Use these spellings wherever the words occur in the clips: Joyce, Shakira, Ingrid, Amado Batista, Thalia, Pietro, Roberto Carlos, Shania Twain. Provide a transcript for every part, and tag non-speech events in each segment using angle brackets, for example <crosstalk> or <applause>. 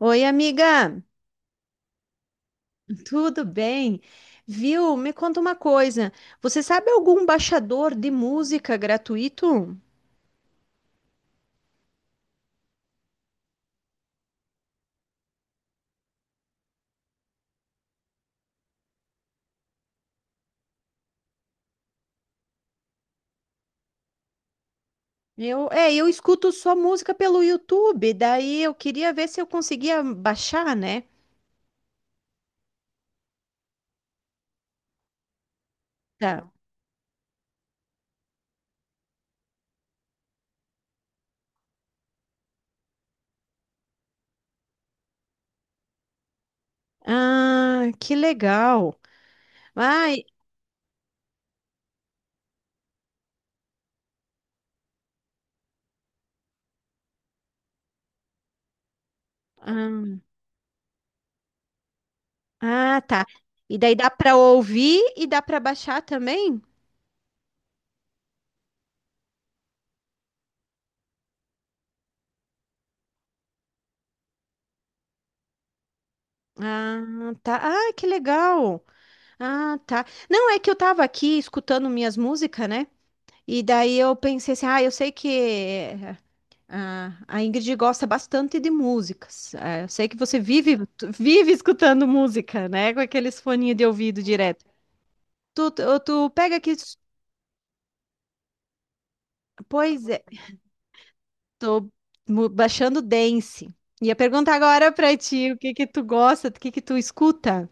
Oi, amiga, tudo bem? Viu? Me conta uma coisa. Você sabe algum baixador de música gratuito? Eu escuto só música pelo YouTube, daí eu queria ver se eu conseguia baixar, né? Tá. Ah, que legal. Ai, ah, ah, tá. E daí dá para ouvir e dá para baixar também? Ah, tá. Ah, que legal. Ah, tá. Não, é que eu tava aqui escutando minhas músicas, né? E daí eu pensei assim, ah, eu sei que a Ingrid gosta bastante de músicas. Eu sei que você vive, tu vive escutando música, né? Com aqueles foninhos de ouvido direto. Tu pega aqui, pois é, tô baixando dance. Ia perguntar agora pra ti, o que que tu gosta, o que que tu escuta?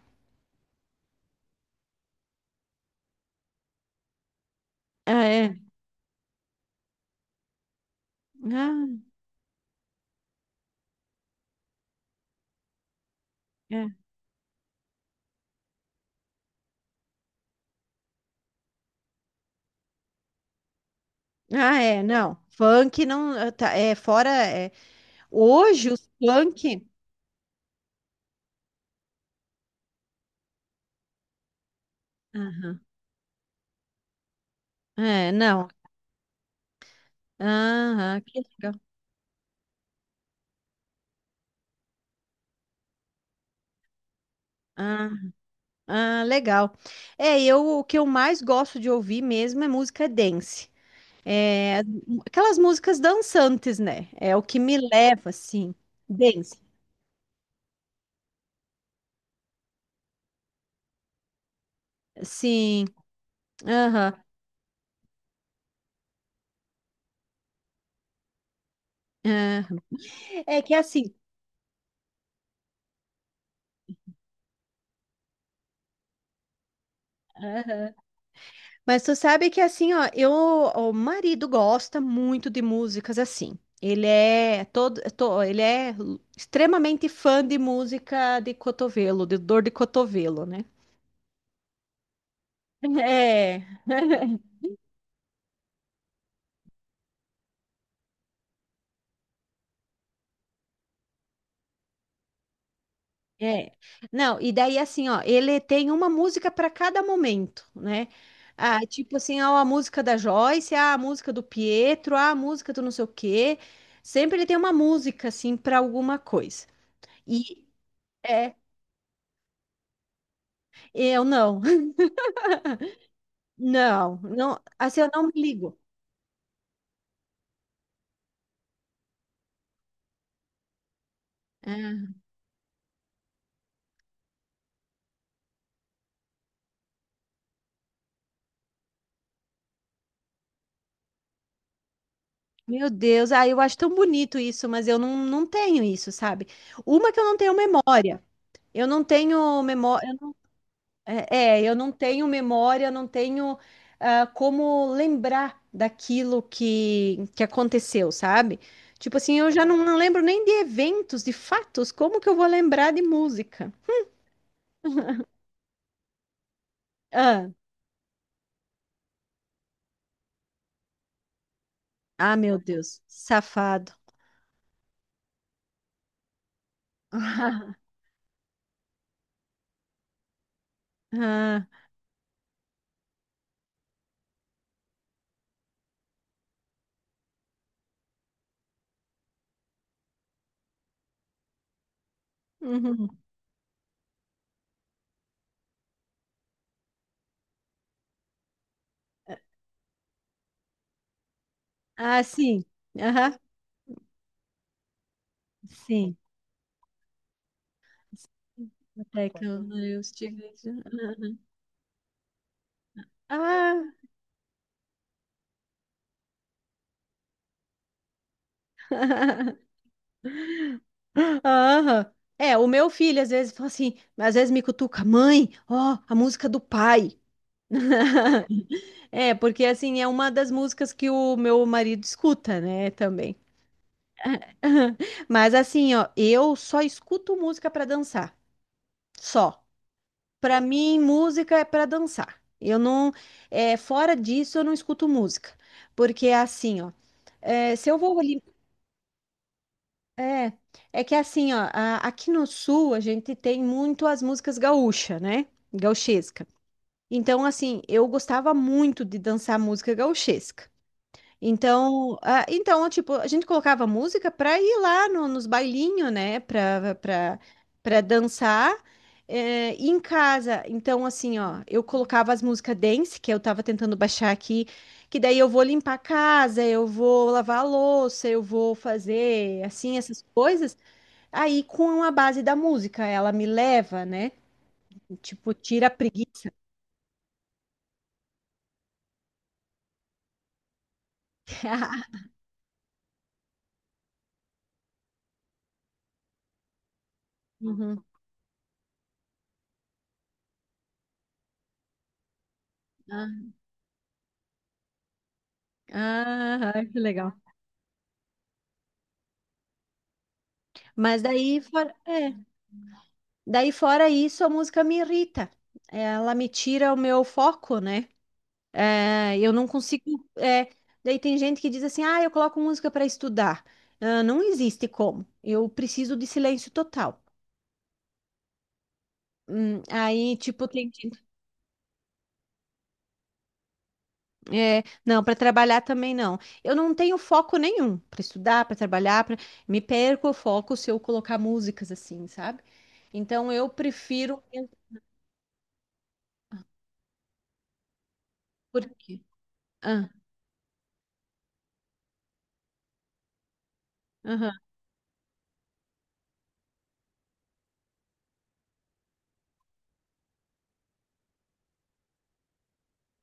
Ah, é. Ah, é. Ah, é, não. Funk não, tá, é fora, é. Hoje os funk... Aham. É, não. Aham, que legal. Ah, ah, legal. É, eu o que eu mais gosto de ouvir mesmo é música dance. É, aquelas músicas dançantes, né? É o que me leva, assim. Dance. Sim. Aham. Aham. É que é assim. Aham. Mas tu sabe que assim, ó, eu, o marido gosta muito de músicas assim. Ele é todo, é to- ele é extremamente fã de música de cotovelo, de dor de cotovelo, né? <laughs> É. É. Não, e daí assim, ó, ele tem uma música para cada momento, né? Ah, tipo assim, ó, a música da Joyce, ah, a música do Pietro, ah, a música do não sei o quê. Sempre ele tem uma música assim para alguma coisa. E é, eu não. <laughs> Não, assim, eu não me ligo. Ah, meu Deus, ah, eu acho tão bonito isso, mas eu não tenho isso, sabe? Uma que eu não tenho memória. Eu não tenho memória. Eu não tenho memória, não tenho ah, como lembrar daquilo que aconteceu, sabe? Tipo assim, eu já não lembro nem de eventos, de fatos, como que eu vou lembrar de música? Ah, ah, meu Deus, safado. <laughs> Ah, uhum. Ah, sim, aham, sim. Até que eu estive. Ah, <laughs> Aham. É, o meu filho às vezes fala assim, às vezes me cutuca, mãe, ó, a música do pai. <laughs> É, porque assim, é uma das músicas que o meu marido escuta, né, também. <laughs> Mas assim, ó, eu só escuto música pra dançar, só. Pra mim, música é pra dançar. Eu não, é, fora disso, eu não escuto música, porque é assim, ó, é, se eu vou é, é que assim, ó, aqui no sul a gente tem muito as músicas gaúcha, né? Gauchesca. Então, assim, eu gostava muito de dançar música gauchesca. Então, ah, então, tipo, a gente colocava música para ir lá nos bailinhos, né? Para dançar. E em casa, então, assim, ó, eu colocava as músicas dance, que eu tava tentando baixar aqui, que daí eu vou limpar a casa, eu vou lavar a louça, eu vou fazer assim essas coisas. Aí, com a base da música, ela me leva, né? Tipo, tira a preguiça. <laughs> Uhum. Ah, ah, que legal. Mas daí fora, daí fora isso, a música me irrita. Ela me tira o meu foco, né? É, eu não consigo. é, Daí tem gente que diz assim: ah, eu coloco música para estudar. Ah, não existe como. Eu preciso de silêncio total. Aí, tipo, tem. É, não, para trabalhar também não. Eu não tenho foco nenhum para estudar, para trabalhar, pra... me perco o foco se eu colocar músicas assim, sabe? Então eu prefiro porque ah, aham.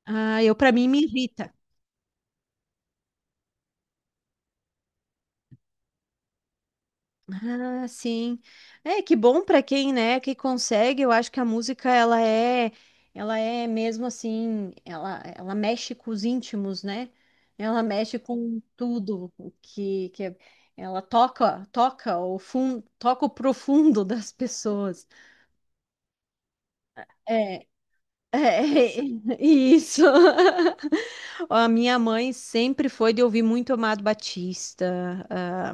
Ah, eu para mim me irrita. Ah, sim. É, que bom para quem, né, que consegue. Eu acho que a música ela é mesmo assim, ela mexe com os íntimos, né? Ela mexe com tudo o que que é- ela toca, toca o fundo, toca o profundo <laughs> das pessoas. É, é <laughs> isso. <laughs> A minha mãe sempre foi de ouvir muito Amado Batista, ah,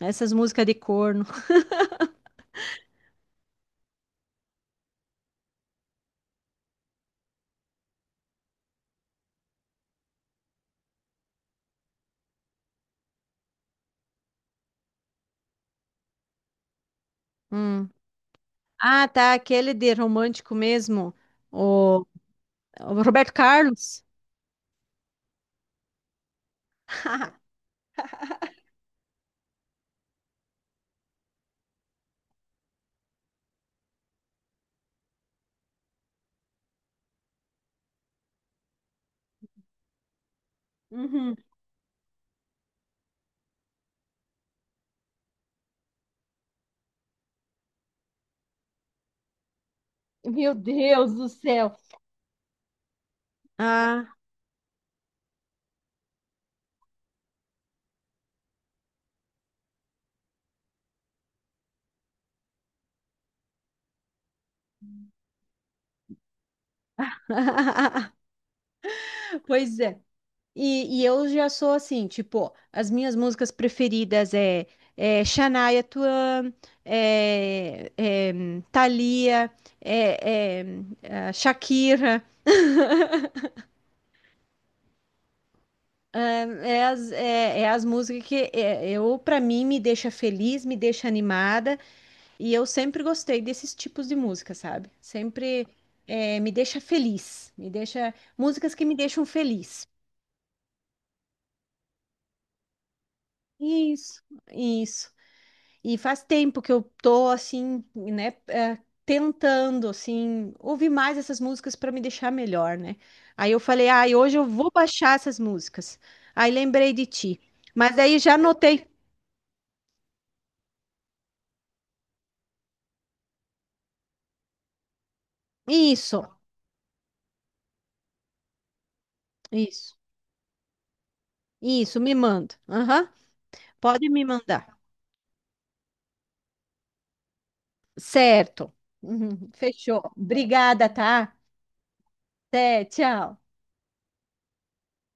essas músicas de corno. <laughs> Ah, tá, aquele de romântico mesmo, o, o Roberto Carlos. <laughs> Uhum. Meu Deus do céu. Ah, <laughs> pois é. E eu já sou assim, tipo, as minhas músicas preferidas é Shania Twain, é Thalia, é, é, é Shakira. É as músicas que eu, para mim, me deixa feliz, me deixa animada. E eu sempre gostei desses tipos de música, sabe? Sempre me deixa feliz, me deixa músicas que me deixam feliz. Isso, isso. E faz tempo que eu tô assim, né, tentando assim ouvir mais essas músicas para me deixar melhor, né? Aí eu falei, ai, hoje eu vou baixar essas músicas. Aí lembrei de ti. Mas daí já anotei. Isso, isso, isso, me manda. Aham. Pode me mandar. Certo. Uhum, fechou. Obrigada, tá? Até, tchau.